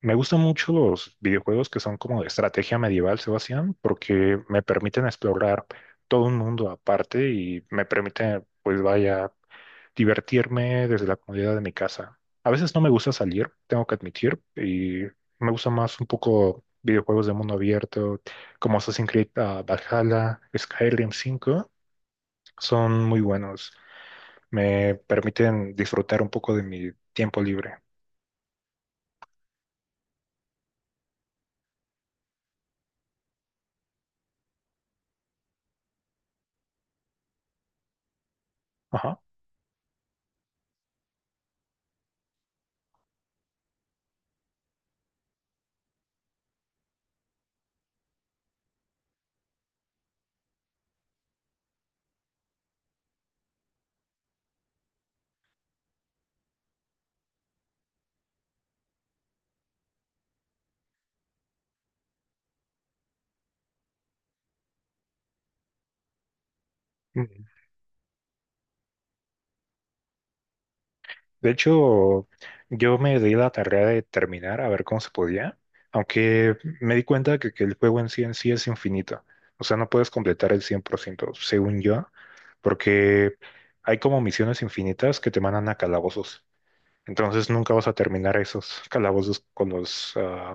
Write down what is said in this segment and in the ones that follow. Me gustan mucho los videojuegos que son como de estrategia medieval, Sebastián, porque me permiten explorar todo un mundo aparte y me permite, pues vaya, divertirme desde la comodidad de mi casa. A veces no me gusta salir, tengo que admitir, y me gusta más un poco videojuegos de mundo abierto, como Assassin's Creed, ah, Valhalla, Skyrim 5, son muy buenos. Me permiten disfrutar un poco de mi tiempo libre. Ajá. De hecho, yo me di la tarea de terminar a ver cómo se podía, aunque me di cuenta que el juego en sí es infinito. O sea, no puedes completar el 100%, según yo, porque hay como misiones infinitas que te mandan a calabozos. Entonces nunca vas a terminar esos calabozos con los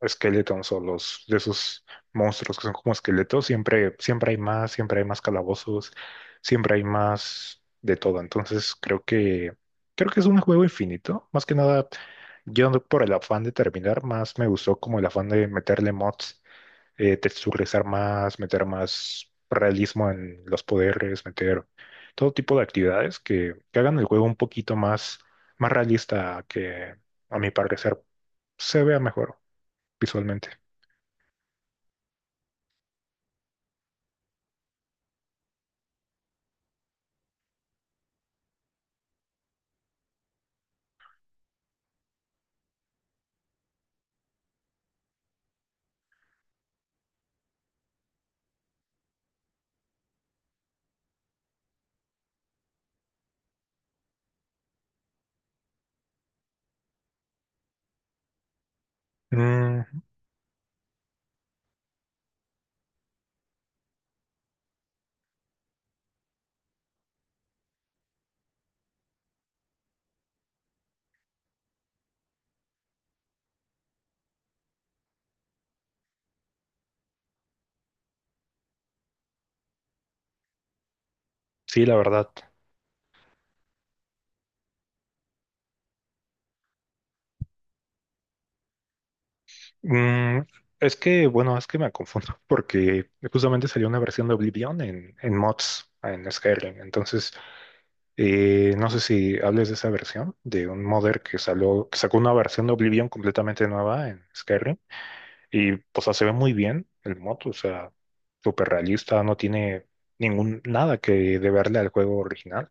esqueletos o los de esos monstruos que son como esqueletos. Siempre, siempre hay más calabozos, siempre hay más de todo. Entonces creo que es un juego infinito. Más que nada, yo no por el afán de terminar, más me gustó como el afán de meterle mods, texturizar más, meter más realismo en los poderes, meter todo tipo de actividades que hagan el juego un poquito más, más realista que, a mi parecer, se vea mejor visualmente. Mm, sí, la verdad. Mm, es que, bueno, es que me confundo porque justamente salió una versión de Oblivion en mods, en Skyrim. Entonces, no sé si hables de esa versión, de un modder que salió, que sacó una versión de Oblivion completamente nueva en Skyrim. Y, o sea, se ve muy bien el moto, o sea, súper realista, no tiene ningún, nada que deberle al juego original.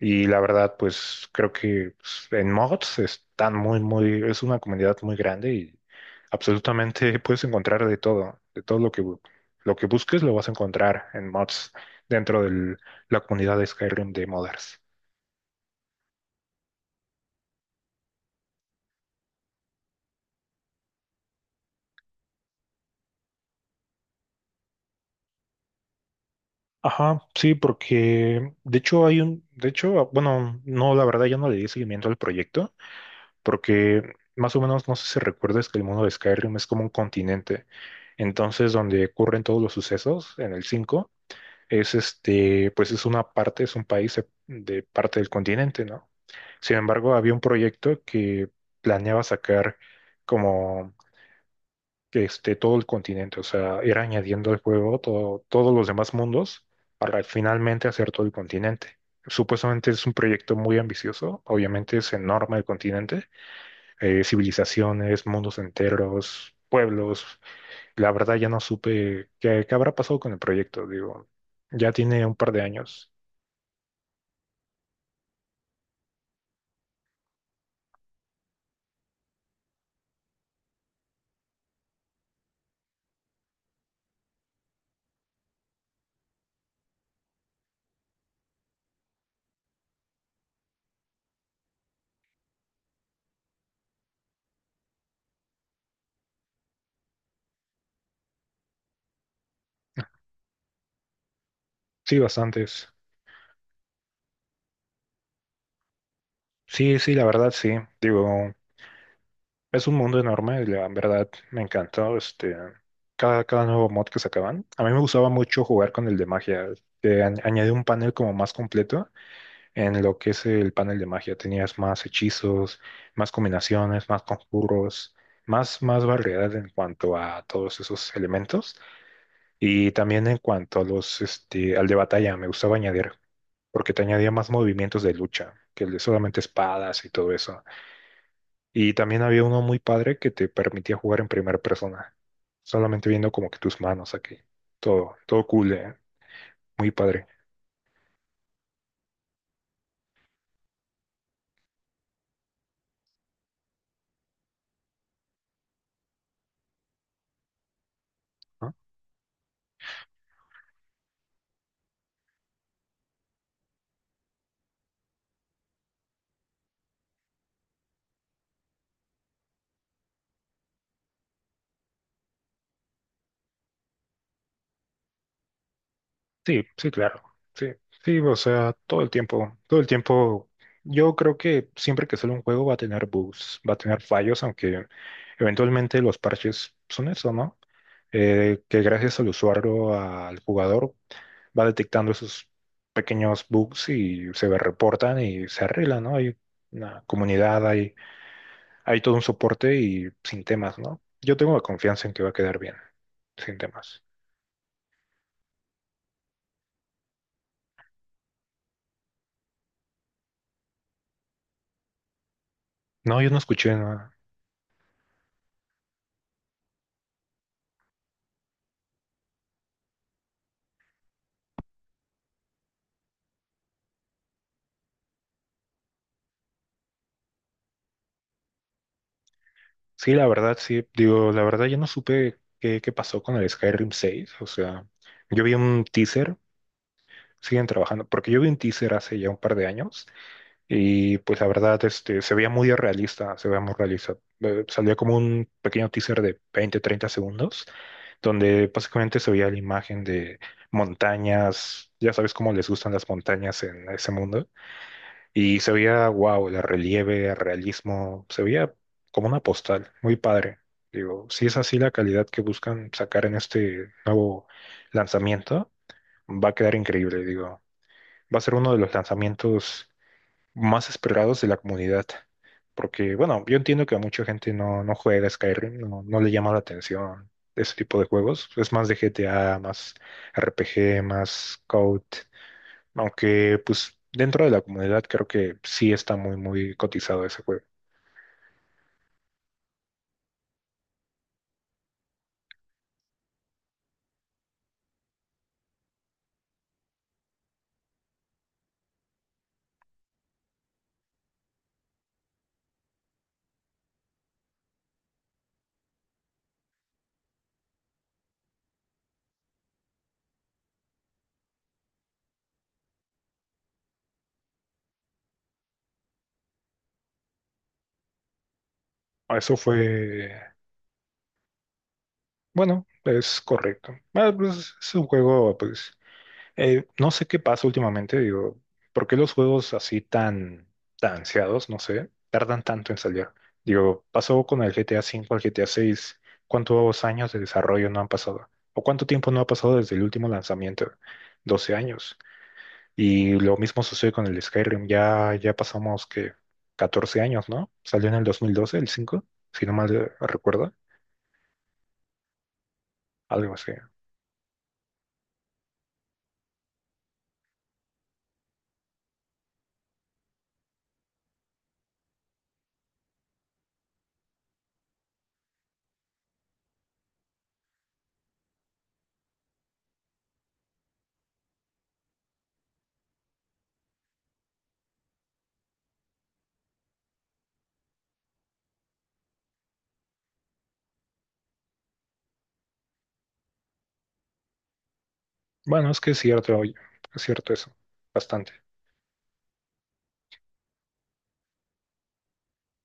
Y la verdad, pues creo que pues, en mods están muy, muy, es una comunidad muy grande y absolutamente puedes encontrar de todo lo que busques lo vas a encontrar en mods dentro de la comunidad de Skyrim de modders. Ajá, sí, porque de hecho de hecho, bueno, no, la verdad ya no le di seguimiento al proyecto, porque más o menos no sé si recuerdas que el mundo de Skyrim es como un continente. Entonces, donde ocurren todos los sucesos en el 5 es este, pues es una parte, es un país de parte del continente, ¿no? Sin embargo, había un proyecto que planeaba sacar como este todo el continente, o sea, ir añadiendo al juego todos los demás mundos para finalmente hacer todo el continente. Supuestamente es un proyecto muy ambicioso, obviamente es enorme el continente, civilizaciones, mundos enteros, pueblos. La verdad ya no supe qué habrá pasado con el proyecto, digo, ya tiene un par de años. Sí, bastantes. Sí, sí, la verdad sí. Digo, es un mundo enorme, la verdad me encantó cada nuevo mod que sacaban. A mí me gustaba mucho jugar con el de magia, que añade un panel como más completo. En lo que es el panel de magia tenías más hechizos, más combinaciones, más conjuros, más, más variedad en cuanto a todos esos elementos. Y también en cuanto a al de batalla, me gustaba añadir, porque te añadía más movimientos de lucha, que el de solamente espadas y todo eso. Y también había uno muy padre que te permitía jugar en primera persona, solamente viendo como que tus manos aquí. Todo, todo cool, muy padre. ¿No? Sí, sí, claro. Sí, sí, o sea, todo el tiempo, todo el tiempo. Yo creo que siempre que sale un juego va a tener bugs, va a tener fallos, aunque eventualmente los parches son eso, ¿no? Que gracias al usuario, al jugador, va detectando esos pequeños bugs y se reportan y se arreglan, ¿no? Hay una comunidad, hay todo un soporte y sin temas, ¿no? Yo tengo la confianza en que va a quedar bien, sin temas. No, yo no escuché, nada. Sí, la verdad, sí. Digo, la verdad, yo no supe qué pasó con el Skyrim 6. O sea, yo vi un teaser, siguen trabajando, porque yo vi un teaser hace ya un par de años y pues la verdad, se veía muy realista, se veía muy realista. Salía como un pequeño teaser de 20, 30 segundos, donde básicamente se veía la imagen de montañas, ya sabes cómo les gustan las montañas en ese mundo. Y se veía, wow, el relieve, el realismo, se veía como una postal, muy padre. Digo, si es así la calidad que buscan sacar en este nuevo lanzamiento, va a quedar increíble, digo. Va a ser uno de los lanzamientos más esperados de la comunidad. Porque, bueno, yo entiendo que a mucha gente no juega Skyrim, no le llama la atención ese tipo de juegos. Es más de GTA, más RPG, más COD. Aunque, pues, dentro de la comunidad creo que sí está muy, muy cotizado ese juego. Eso fue, bueno, es correcto. Ah, pues, es un juego, pues, no sé qué pasa últimamente, digo, ¿por qué los juegos así tan, tan ansiados, no sé, tardan tanto en salir? Digo, pasó con el GTA 5 al GTA 6, ¿cuántos años de desarrollo no han pasado? ¿O cuánto tiempo no ha pasado desde el último lanzamiento? 12 años. Y lo mismo sucede con el Skyrim, ya pasamos que 14 años, ¿no? Salió en el 2012 el 5 si no mal recuerdo, algo así. Bueno, es que es cierto, oye, es cierto eso, bastante.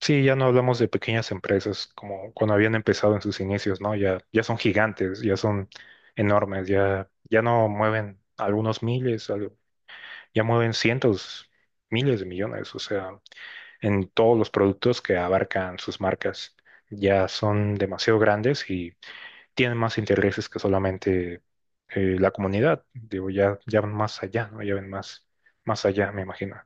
Sí, ya no hablamos de pequeñas empresas como cuando habían empezado en sus inicios, ¿no? Ya son gigantes, ya son enormes, ya no mueven algunos miles, algo, ya mueven cientos, miles de millones, o sea, en todos los productos que abarcan sus marcas. Ya son demasiado grandes y tienen más intereses que solamente, la comunidad. Digo, ya van más allá, ¿no? Ya ven más allá, me imagino.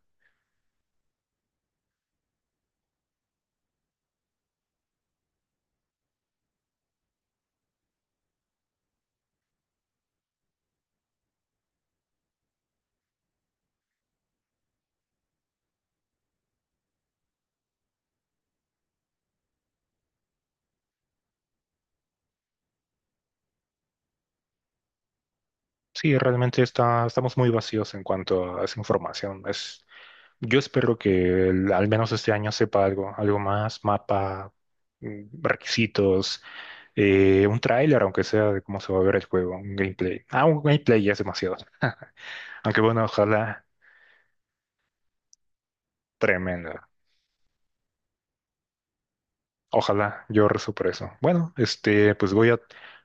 Sí, realmente estamos muy vacíos en cuanto a esa información. Yo espero que al menos este año sepa algo, algo más, mapa, requisitos, un tráiler, aunque sea de cómo se va a ver el juego, un gameplay. Ah, un gameplay ya es demasiado. Aunque bueno, ojalá. Tremenda. Ojalá yo rezo por eso. Bueno, pues voy a,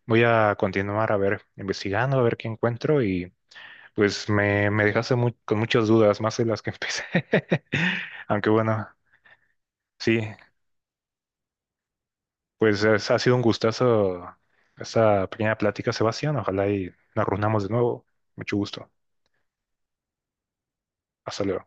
voy a continuar a ver, investigando, a ver qué encuentro y pues me dejaste con muchas dudas, más de las que empecé. Aunque bueno, sí, pues ha sido un gustazo esta pequeña plática, Sebastián. Ojalá y nos reunamos de nuevo. Mucho gusto. Hasta luego.